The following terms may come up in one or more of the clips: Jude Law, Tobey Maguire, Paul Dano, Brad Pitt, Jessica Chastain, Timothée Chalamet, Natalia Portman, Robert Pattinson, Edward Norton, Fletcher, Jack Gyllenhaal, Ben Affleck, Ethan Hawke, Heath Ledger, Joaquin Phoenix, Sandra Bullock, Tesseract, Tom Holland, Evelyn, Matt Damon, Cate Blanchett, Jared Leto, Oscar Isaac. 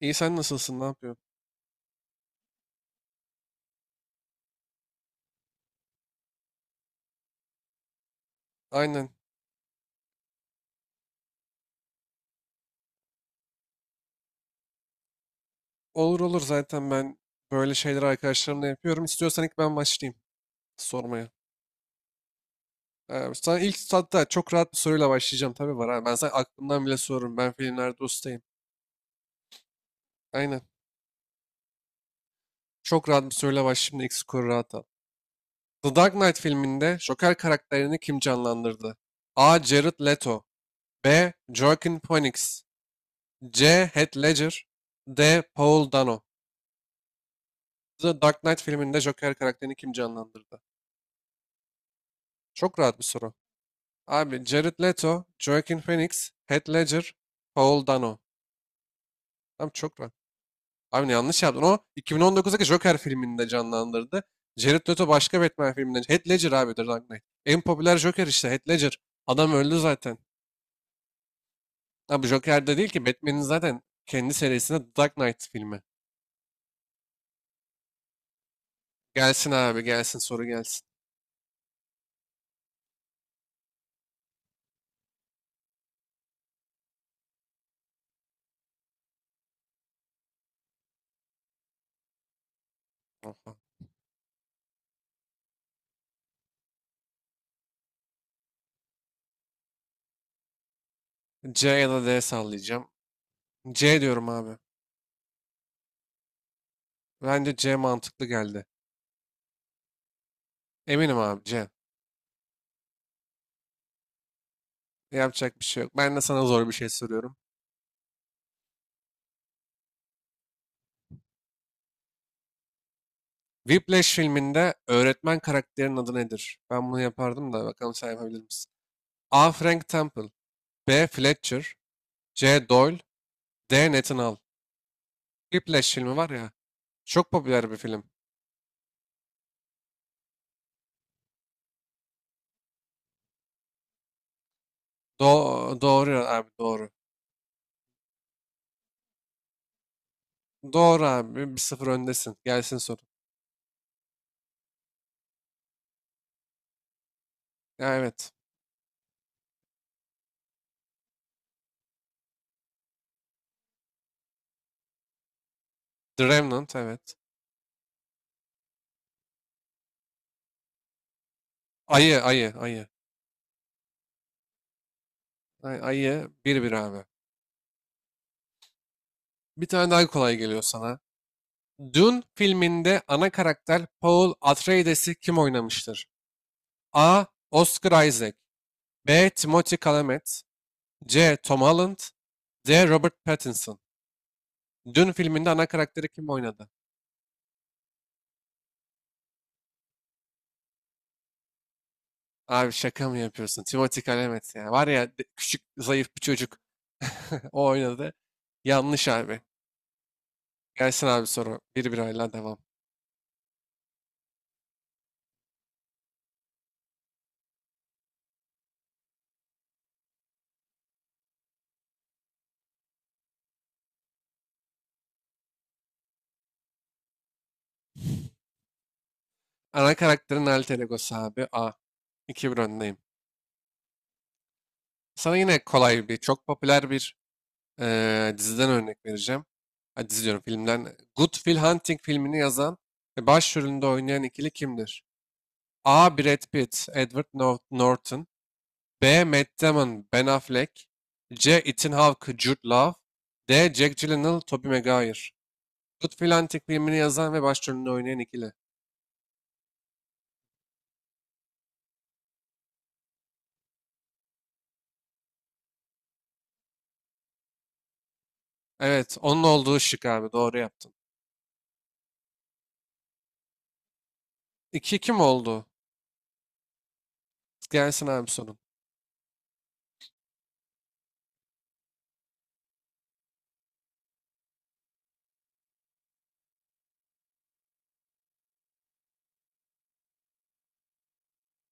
İyi sen nasılsın? Ne yapıyorsun? Aynen. Olur olur, zaten ben böyle şeyleri arkadaşlarımla yapıyorum. İstiyorsan ilk ben başlayayım sormaya. Sana ilk, hatta çok rahat bir soruyla başlayacağım, tabii var. Ha. Ben sana aklımdan bile sorurum. Ben filmlerde ustayım. Aynen. Çok rahat bir soruyla başlayayım da ilk skoru rahat al. The Dark Knight filminde Joker karakterini kim canlandırdı? A. Jared Leto, B. Joaquin Phoenix, C. Heath Ledger, D. Paul Dano. The Dark Knight filminde Joker karakterini kim canlandırdı? Çok rahat bir soru. Abi Jared Leto, Joaquin Phoenix, Heath Ledger, Paul Dano. Tam çok var. Abi yanlış yaptın. O 2019'daki Joker filminde canlandırdı. Jared Leto başka Batman filminde. Heath Ledger abi The Dark Knight. En popüler Joker işte Heath Ledger. Adam öldü zaten. Abi Joker'de değil ki, Batman'in zaten kendi serisinde The Dark Knight filmi. Gelsin abi, gelsin soru gelsin. Aha. C ya da D sallayacağım. C diyorum abi. Bence C mantıklı geldi. Eminim abi, C. Yapacak bir şey yok. Ben de sana zor bir şey soruyorum. Whiplash filminde öğretmen karakterinin adı nedir? Ben bunu yapardım da bakalım sen yapabilir misin? A. Frank Temple, B. Fletcher, C. Doyle, D. Nathan Hall. Whiplash filmi var ya. Çok popüler bir film. Doğru abi, doğru. Doğru abi. Bir sıfır öndesin. Gelsin soru. Ya evet. The Remnant, evet. Ayı, ayı, ayı. Ayı, bir bir abi. Bir tane daha kolay geliyor sana. Dune filminde ana karakter Paul Atreides'i kim oynamıştır? A. Oscar Isaac, B. Timothée Chalamet, C. Tom Holland, D. Robert Pattinson. Dün filminde ana karakteri kim oynadı? Abi şaka mı yapıyorsun? Timothée Chalamet ya. Var ya küçük zayıf bir çocuk. O oynadı. Yanlış abi. Gelsin abi soru. Bir bir oyla devam. Ana karakterin alter egosu abi. A. 2 bir öndeyim. Sana yine kolay bir, çok popüler bir diziden örnek vereceğim. Hadi dizi diyorum, filmden. Good Will Hunting filmini yazan ve başrolünde oynayan ikili kimdir? A. Brad Pitt, Edward Norton. B. Matt Damon, Ben Affleck. C. Ethan Hawke, Jude Law. D. Jack Gyllenhaal, Tobey Maguire. Good Antik filmini yazan ve başrolünde oynayan ikili. Evet, onun olduğu şık abi. Doğru yaptın. 2 kim oldu? Gelsin abi sorun.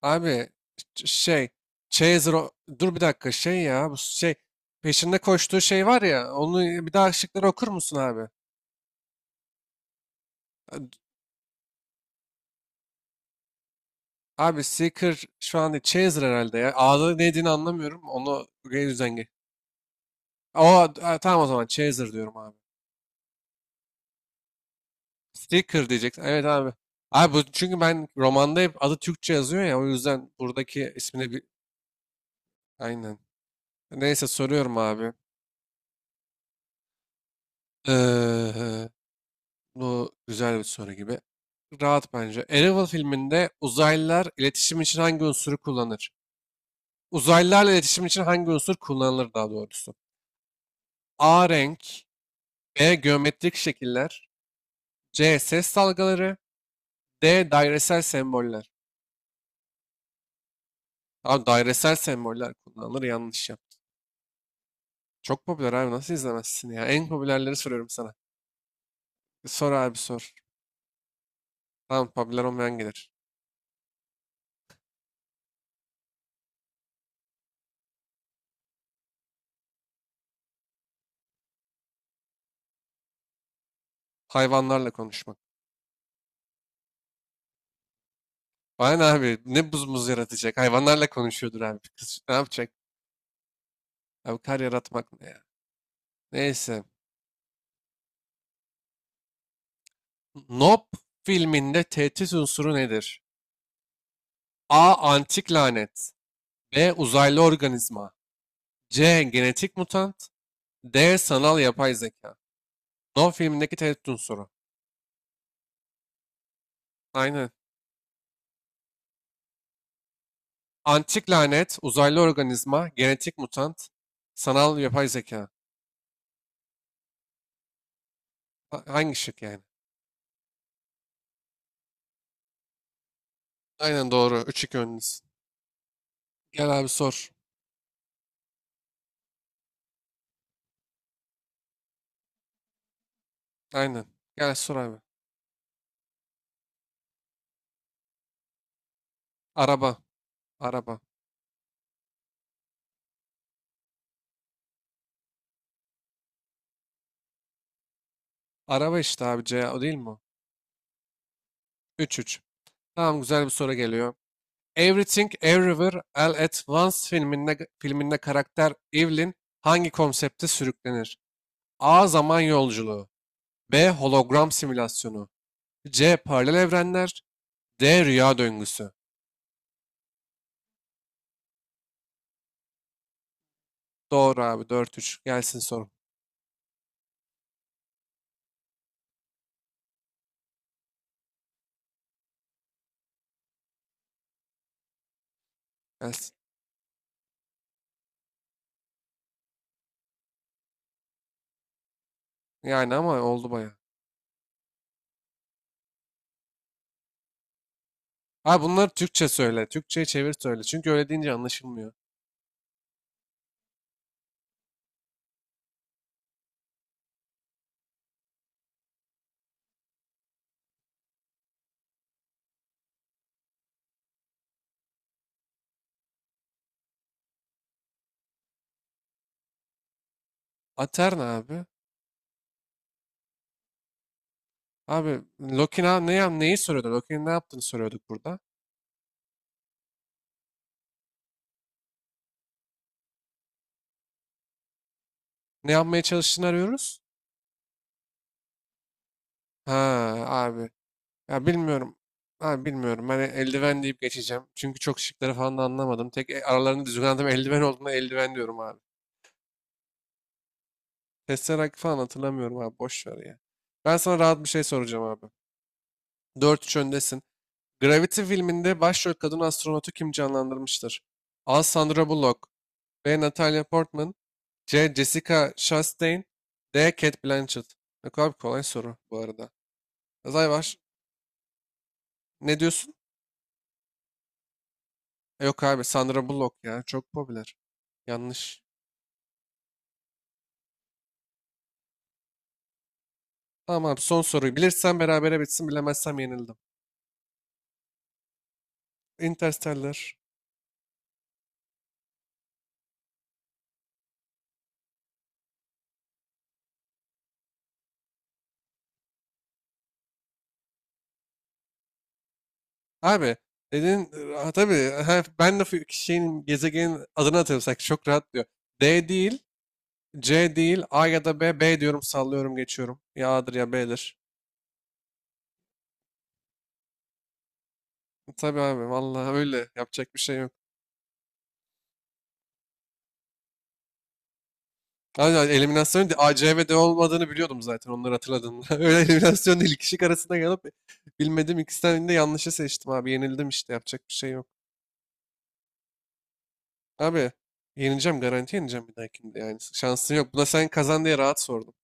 Abi ş- şey, Chaser... Dur bir dakika, şey ya. Bu şey, peşinde koştuğu şey var ya. Onu, bir daha şıkları okur musun abi? Abi Seeker şu an değil, Chaser herhalde ya. A'da ne dediğini anlamıyorum. Onu o yüzden O tamam, o zaman Chaser diyorum abi. Seeker diyeceksin. Evet abi. Abi bu, çünkü ben romanda hep adı Türkçe yazıyor ya, o yüzden buradaki ismini bir, aynen. Neyse, soruyorum abi. Ee, Bu güzel bir soru gibi. Rahat, bence. Arrival filminde uzaylılar iletişim için hangi unsuru kullanır? Uzaylılarla iletişim için hangi unsur kullanılır, daha doğrusu? A renk, B geometrik şekiller, C. Ses dalgaları, D. Dairesel semboller. Abi dairesel semboller kullanılır, yanlış ya. Çok popüler abi, nasıl izlemezsin ya? En popülerleri soruyorum sana. Sor abi sor. Tamam, popüler olmayan gelir. Hayvanlarla konuşmak. Bana ne abi, ne buz muz yaratacak? Hayvanlarla konuşuyordur abi. Kız ne yapacak? Abi kar yaratmak ne ya? Neyse. Nope filminde tehdit unsuru nedir? A. Antik lanet, B. Uzaylı organizma, C. Genetik mutant, D. Sanal yapay zeka. No filmindeki tehdit unsuru. Aynen. Antik lanet, uzaylı organizma, genetik mutant, sanal yapay zeka. Hangi şık yani? Aynen, doğru. 3-2 önünüz. Gel abi sor. Aynen. Gel sor abi. Araba. Araba. Araba işte abi, C o değil mi? O? Üç. 3. Tamam, güzel bir soru geliyor. Everything Everywhere All at Once filminde, filminde karakter Evelyn hangi konsepte sürüklenir? A. Zaman yolculuğu, B. Hologram simülasyonu, C. Paralel evrenler, D rüya döngüsü. Doğru abi, dört üç. Gelsin sorun. Gelsin. Yani ama oldu baya. Abi bunları Türkçe söyle. Türkçe'ye çevir söyle. Çünkü öyle deyince anlaşılmıyor. Aterna abi. Abi Lokina ne, neyi soruyordu? Loki'nin ne yaptığını soruyorduk burada. Ne yapmaya çalıştığını arıyoruz. Ha abi. Ya bilmiyorum. Abi bilmiyorum. Ben eldiven deyip geçeceğim. Çünkü çok, şıkları falan da anlamadım. Tek aralarında düzgün anladım. Eldiven olduğuna, eldiven diyorum abi. Tesseract falan hatırlamıyorum abi. Boş ver ya. Ben sana rahat bir şey soracağım abi. Dört 3 öndesin. Gravity filminde başrol kadın astronotu kim canlandırmıştır? A. Sandra Bullock, B. Natalia Portman, C. Jessica Chastain, D. Cate Blanchett. Yok abi, kolay soru bu arada. Azay var. Ne diyorsun? Yok abi, Sandra Bullock ya. Çok popüler. Yanlış. Tamam abi, son soruyu. Bilirsem berabere bitsin. Bilemezsem yenildim. Interstellar. Abi dedin ha, tabii ha, ben de şeyin, gezegenin adını hatırlasak çok rahat diyor. D değil. C değil, A ya da B. B diyorum, sallıyorum, geçiyorum. Ya A'dır ya B'dir. Tabii abi, vallahi öyle. Yapacak bir şey yok. Abi eliminasyonun A, C ve D olmadığını biliyordum zaten, onları hatırladığımda. Öyle eliminasyon değil. İki şık arasında kalıp bilmedim, ikisinden de yanlışı seçtim abi. Yenildim işte, yapacak bir şey yok. Abi yenileceğim, garanti yenileceğim bir dahakinde yani. Şansın yok. Buna sen kazan diye rahat sordum.